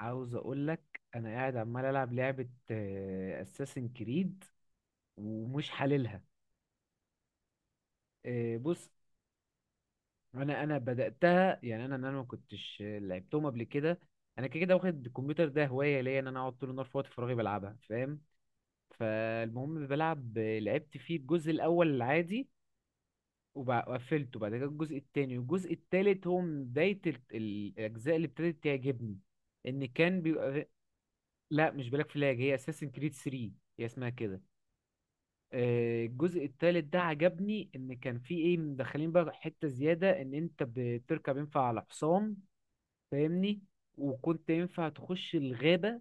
عاوز اقول لك انا قاعد عمال العب لعبه اساسن كريد ومش حللها. بص. انا بداتها، يعني انا ما كنتش لعبتهم قبل كده. انا كده كده واخد الكمبيوتر ده هوايه ليا، ان انا اقعد طول النهار في وقت فراغي بلعبها، فاهم؟ فالمهم بلعب، لعبت فيه الجزء الاول العادي وقفلته. بعد كده الجزء التاني والجزء التالت هو من بدايه الاجزاء اللي ابتدت تعجبني ان كان بيبقى. لا مش بلاك فلاج، هي اساسن كريد 3، هي اسمها كده. الجزء الثالث ده عجبني، ان كان في ايه مدخلين بقى، حتة زيادة ان انت بتركب ينفع على حصان، فاهمني؟ وكنت ينفع تخش الغابة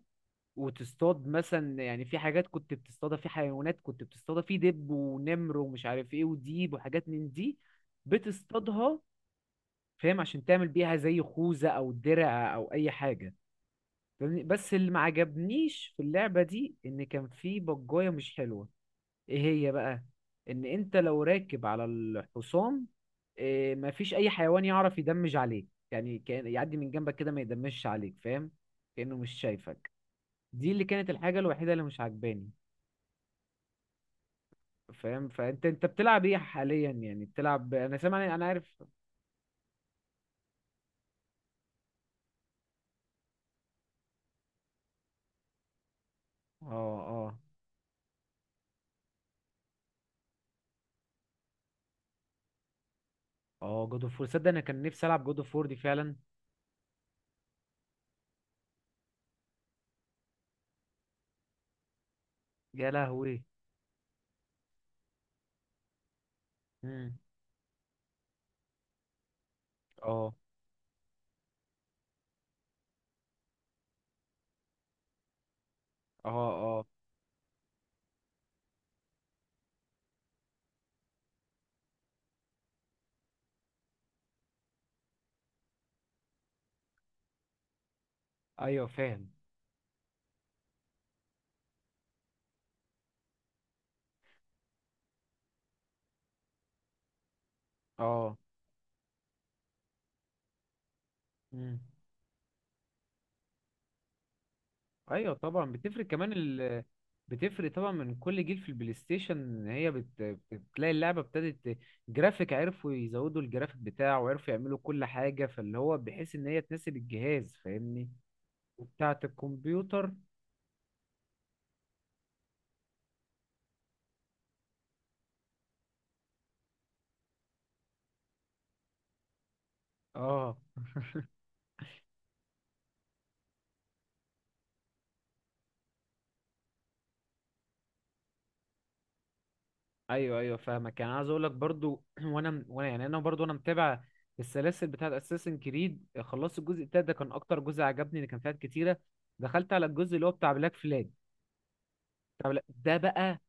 وتصطاد مثلا، يعني في حاجات كنت بتصطادها، في حيوانات كنت بتصطادها، في دب ونمر ومش عارف ايه وديب وحاجات من دي بتصطادها، فاهم؟ عشان تعمل بيها زي خوذة او درع او اي حاجة. فاهمني؟ بس اللي ما عجبنيش في اللعبة دي، ان كان في بجاية مش حلوة. ايه هي بقى؟ ان انت لو راكب على الحصان، إيه، مفيش اي حيوان يعرف يدمج عليك، يعني كان يعدي من جنبك كده ما يدمجش عليك، فاهم؟ كأنه مش شايفك. دي اللي كانت الحاجة الوحيدة اللي مش عجباني، فاهم؟ فانت انت بتلعب ايه حاليا؟ يعني بتلعب، انا سامع، انا عارف. اه، اه. اه جود اوف وور، صدق انا كان نفسي العب جود اوف وور دي فعلا. يا لهوي. مم. اه، اه. اه ايوه فاهم. اه. مم. ايوه طبعا بتفرق كمان ال... بتفرق طبعا من كل جيل في البلاي ستيشن، ان هي بتلاقي اللعبه ابتدت ت-. جرافيك عرفوا يزودوا الجرافيك بتاعه وعرفوا يعملوا كل حاجه، فاللي هو بحيث ان هي تناسب الجهاز، فاهمني؟ وبتاعه الكمبيوتر. اه ايوه ايوه فاهمك. يعني عايز اقول لك برضو، وانا يعني انا برضو انا متابع السلاسل بتاعه اساسن كريد. خلصت الجزء التالت، ده كان اكتر جزء عجبني اللي كان فيها كتيره. دخلت على الجزء اللي هو بتاع بلاك فلاج. ده بقى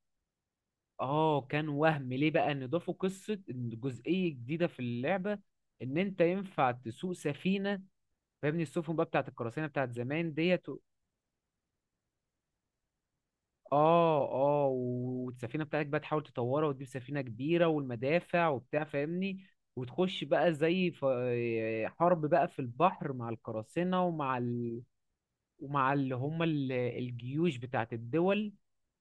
اه، كان وهم ليه بقى ان ضافوا قصه، إن جزئيه جديده في اللعبه، ان انت ينفع تسوق سفينه، فاهمني؟ السفن بقى بتاعت القراصنه، بتاعت زمان ديت و-. اه اه، والسفينه بتاعتك بقى تحاول تطورها وتجيب سفينه كبيره والمدافع وبتاع، فاهمني؟ وتخش بقى زي ف-، حرب بقى في البحر مع القراصنه ومع ومع اللي هم الجيوش بتاعت الدول،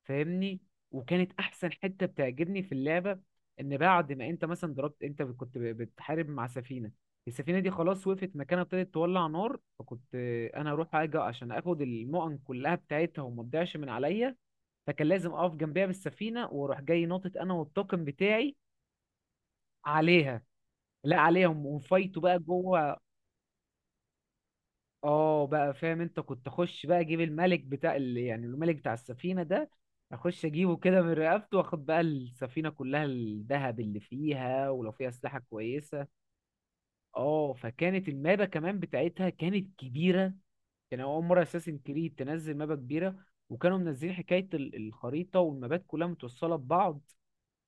فاهمني؟ وكانت احسن حتة بتعجبني في اللعبة، ان بعد ما انت مثلا ضربت، انت كنت بتحارب مع سفينة. السفينة دي خلاص وقفت مكانها ابتدت تولع نار، فكنت انا اروح اجي عشان اخد المؤن كلها بتاعتها وما تضيعش من عليا. فكان لازم اقف جنبها بالسفينه واروح جاي ناطط انا والطاقم بتاعي عليها، لا عليهم، ونفايتوا بقى جوه. اه بقى فاهم، انت كنت اخش بقى اجيب الملك بتاع ال... يعني الملك بتاع السفينة ده اخش اجيبه كده من رقبته واخد بقى السفينة كلها، الذهب اللي فيها ولو فيها اسلحة كويسة. اه، فكانت المابة كمان بتاعتها كانت كبيرة. كان اول مرة اساسن كريد تنزل مابة كبيرة، وكانوا منزلين حكاية الخريطة والمابات كلها متوصلة ببعض،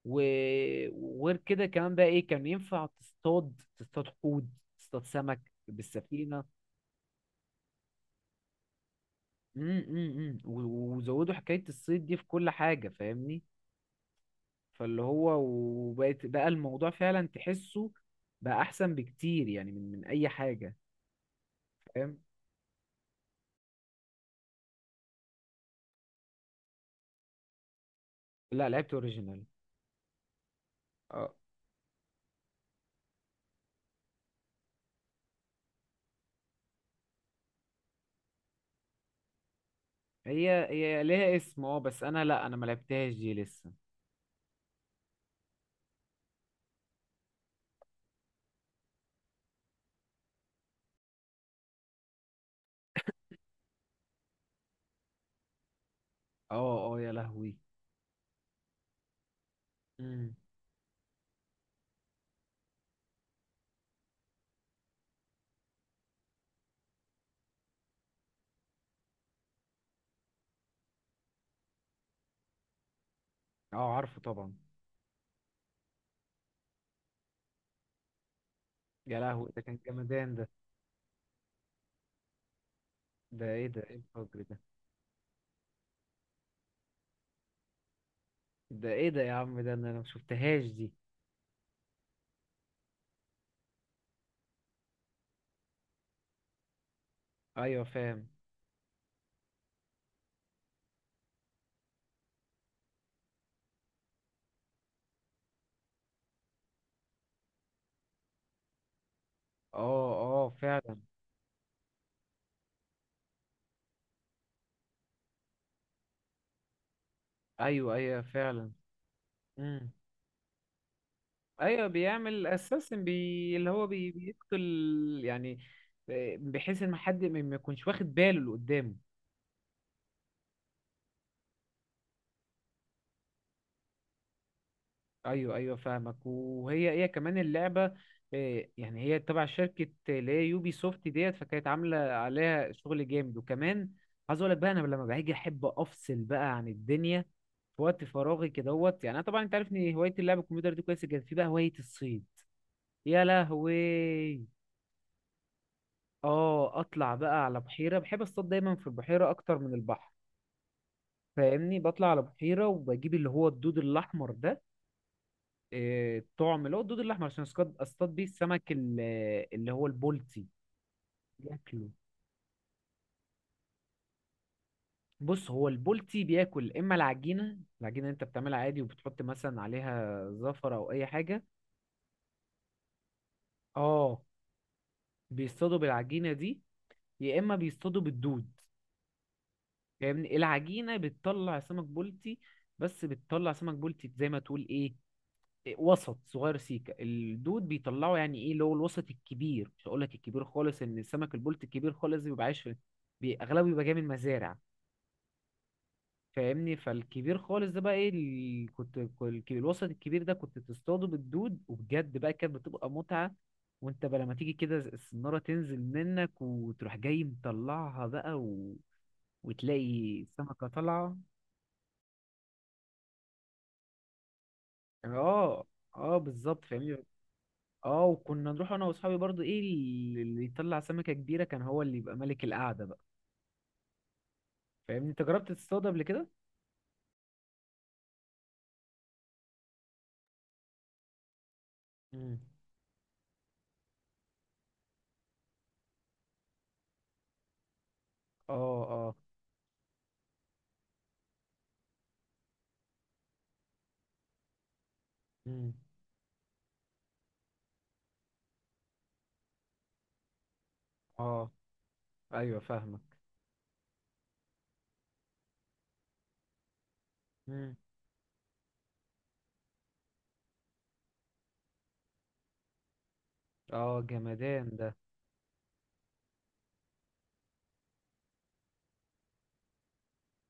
و-. وغير كده كمان بقى ايه، كان ينفع تصطاد حوت، تصطاد سمك بالسفينة. وزودوا حكاية الصيد دي في كل حاجة، فاهمني؟ فاللي هو وبقت بقى الموضوع فعلا تحسه بقى أحسن بكتير، يعني من أي حاجة. فاهم. لا لعبت أوريجينال. اه، هي هي ليها اسم اه، بس أنا لا أنا ما لعبتهاش دي لسه. اه اه يا لهوي. امم. اه عارفه طبعا. يا لهوي ده كان جمدان ده. ده ايه ده، ايه الفجر ده؟ ده ايه ده يا عم؟ ده انا أنا ما شفتهاش دي. ايوه فاهم. اه اه فعلا. ايوه ايوه فعلا. مم. ايوه بيعمل اساسن بي... اللي هو بي... بيقتل، يعني، بحيث ان حد ما يكونش واخد باله اللي قدامه. ايوه ايوه فاهمك. وهي هي كمان اللعبه، يعني هي تبع شركه اللي هي يوبي سوفت ديت، فكانت عامله عليها شغل جامد وكمان. عايز اقول لك بقى، انا لما باجي احب افصل بقى عن الدنيا في وقت فراغي كدهوت. يعني انا طبعا انت عارف ان هوايه اللعب الكمبيوتر دي كويسه جدا، في بقى هوايه الصيد. يا لهوي. اه اطلع بقى على بحيره، بحب اصطاد دايما في البحيره اكتر من البحر، فاهمني؟ بطلع على بحيره، وبجيب اللي هو الدود الاحمر ده، الطعم اللي هو الدود الاحمر، عشان اصطاد، اصطاد بيه السمك ال- اللي هو البولتي، بياكله. بص، هو البولتي بياكل اما العجينه، اللي انت بتعملها عادي، وبتحط مثلا عليها زفر او اي حاجه. اه بيصطادوا بالعجينه دي، يا اما بيصطادوا بالدود، فاهمني؟ العجينه بتطلع سمك بولتي، بس بتطلع سمك بولتي زي ما تقول ايه، وسط صغير. سيكا الدود بيطلعوا يعني ايه اللي هو الوسط الكبير، مش هقول لك الكبير خالص، ان السمك البلطي الكبير خالص بيبقى عايش في اغلبه بيبقى جاي من مزارع، فاهمني؟ فالكبير خالص ده بقى ايه ال... كنت الوسط الكبير ده كنت تصطاده بالدود، وبجد بقى كانت بتبقى متعة. وانت بقى لما تيجي كده السنارة تنزل منك وتروح جاي مطلعها بقى و... وتلاقي السمكة طالعة. اه اه بالظبط فاهمني. اه، وكنا نروح انا واصحابي برضو، ايه اللي يطلع سمكة كبيرة كان هو اللي يبقى ملك القعدة بقى. فاهمني، انت جربت تصطاد قبل كده؟ مم. اه اه. مم. اه ايوه فاهمك. مم. اه جمدان ده.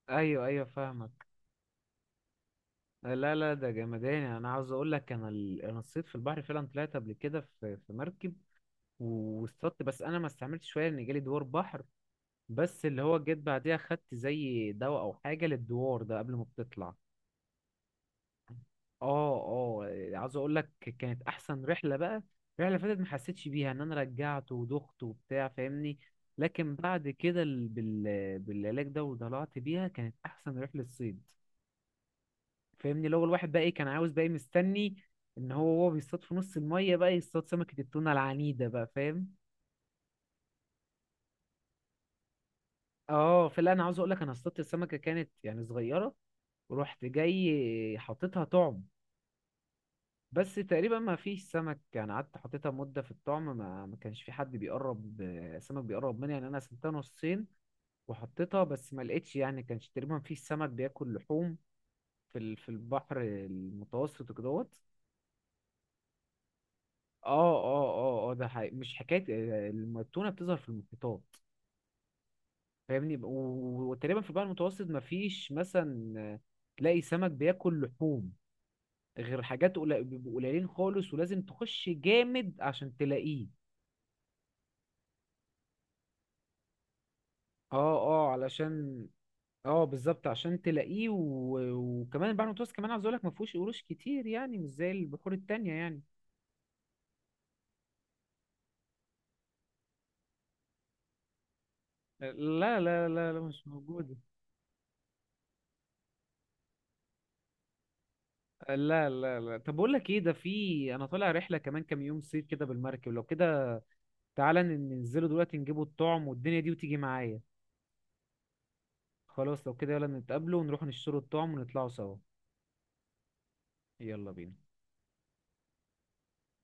ايوه ايوه فاهمك. لا لا ده جمدان، يعني انا عاوز اقول لك انا ال... انا صيد في البحر فعلا طلعت قبل كده في مركب واصطدت، بس انا ما استعملتش شويه، ان جالي دوار بحر. بس اللي هو جيت بعديها خدت زي دواء او حاجه للدوار ده قبل ما بتطلع. اه، اه عاوز اقول لك، كانت احسن رحله بقى. الرحله اللي فاتت ما حسيتش بيها، ان انا رجعت ودخت وبتاع، فاهمني؟ لكن بعد كده بالعلاج ده وطلعت بيها كانت احسن رحله صيد. فاهمني؟ لو الواحد بقى ايه كان عاوز بقى ايه مستني، ان هو وهو بيصطاد في نص الميه بقى يصطاد سمكه التونه العنيده بقى، فاهم؟ اه فلا انا عاوز اقول لك، انا اصطادت السمكه كانت يعني صغيره، ورحت جاي حاططها طعم. بس تقريبا ما فيش سمك، يعني قعدت حطيتها مدة في الطعم ما كانش في حد بيقرب، سمك بيقرب مني. يعني أنا قسمتها نصين وحطيتها، بس ما لقيتش، يعني كانش تقريبا في سمك بياكل لحوم في في البحر المتوسط وكدهوت. اه اه. ده حقيقي، مش حكاية. التونة بتظهر في المحيطات، فاهمني؟ وتقريبا في البحر المتوسط ما فيش مثلا تلاقي سمك بياكل لحوم، غير حاجات قليل- بيبقوا قليلين خالص، ولازم تخش جامد عشان تلاقيه. اه اه علشان، اه بالظبط عشان تلاقيه و... وكمان البحر المتوسط كمان عاوز اقول لك ما فيهوش قروش كتير، يعني مش زي البحور التانية يعني. لا، مش موجودة. لا، طب بقول لك ايه، ده في انا طالع رحلة كمان كام يوم صيف كده بالمركب، لو كده تعالى ننزلوا دلوقتي نجيبوا الطعم والدنيا دي وتيجي معايا. خلاص لو كده يلا نتقابلوا ونروح نشتروا الطعم ونطلعوا سوا. يلا بينا.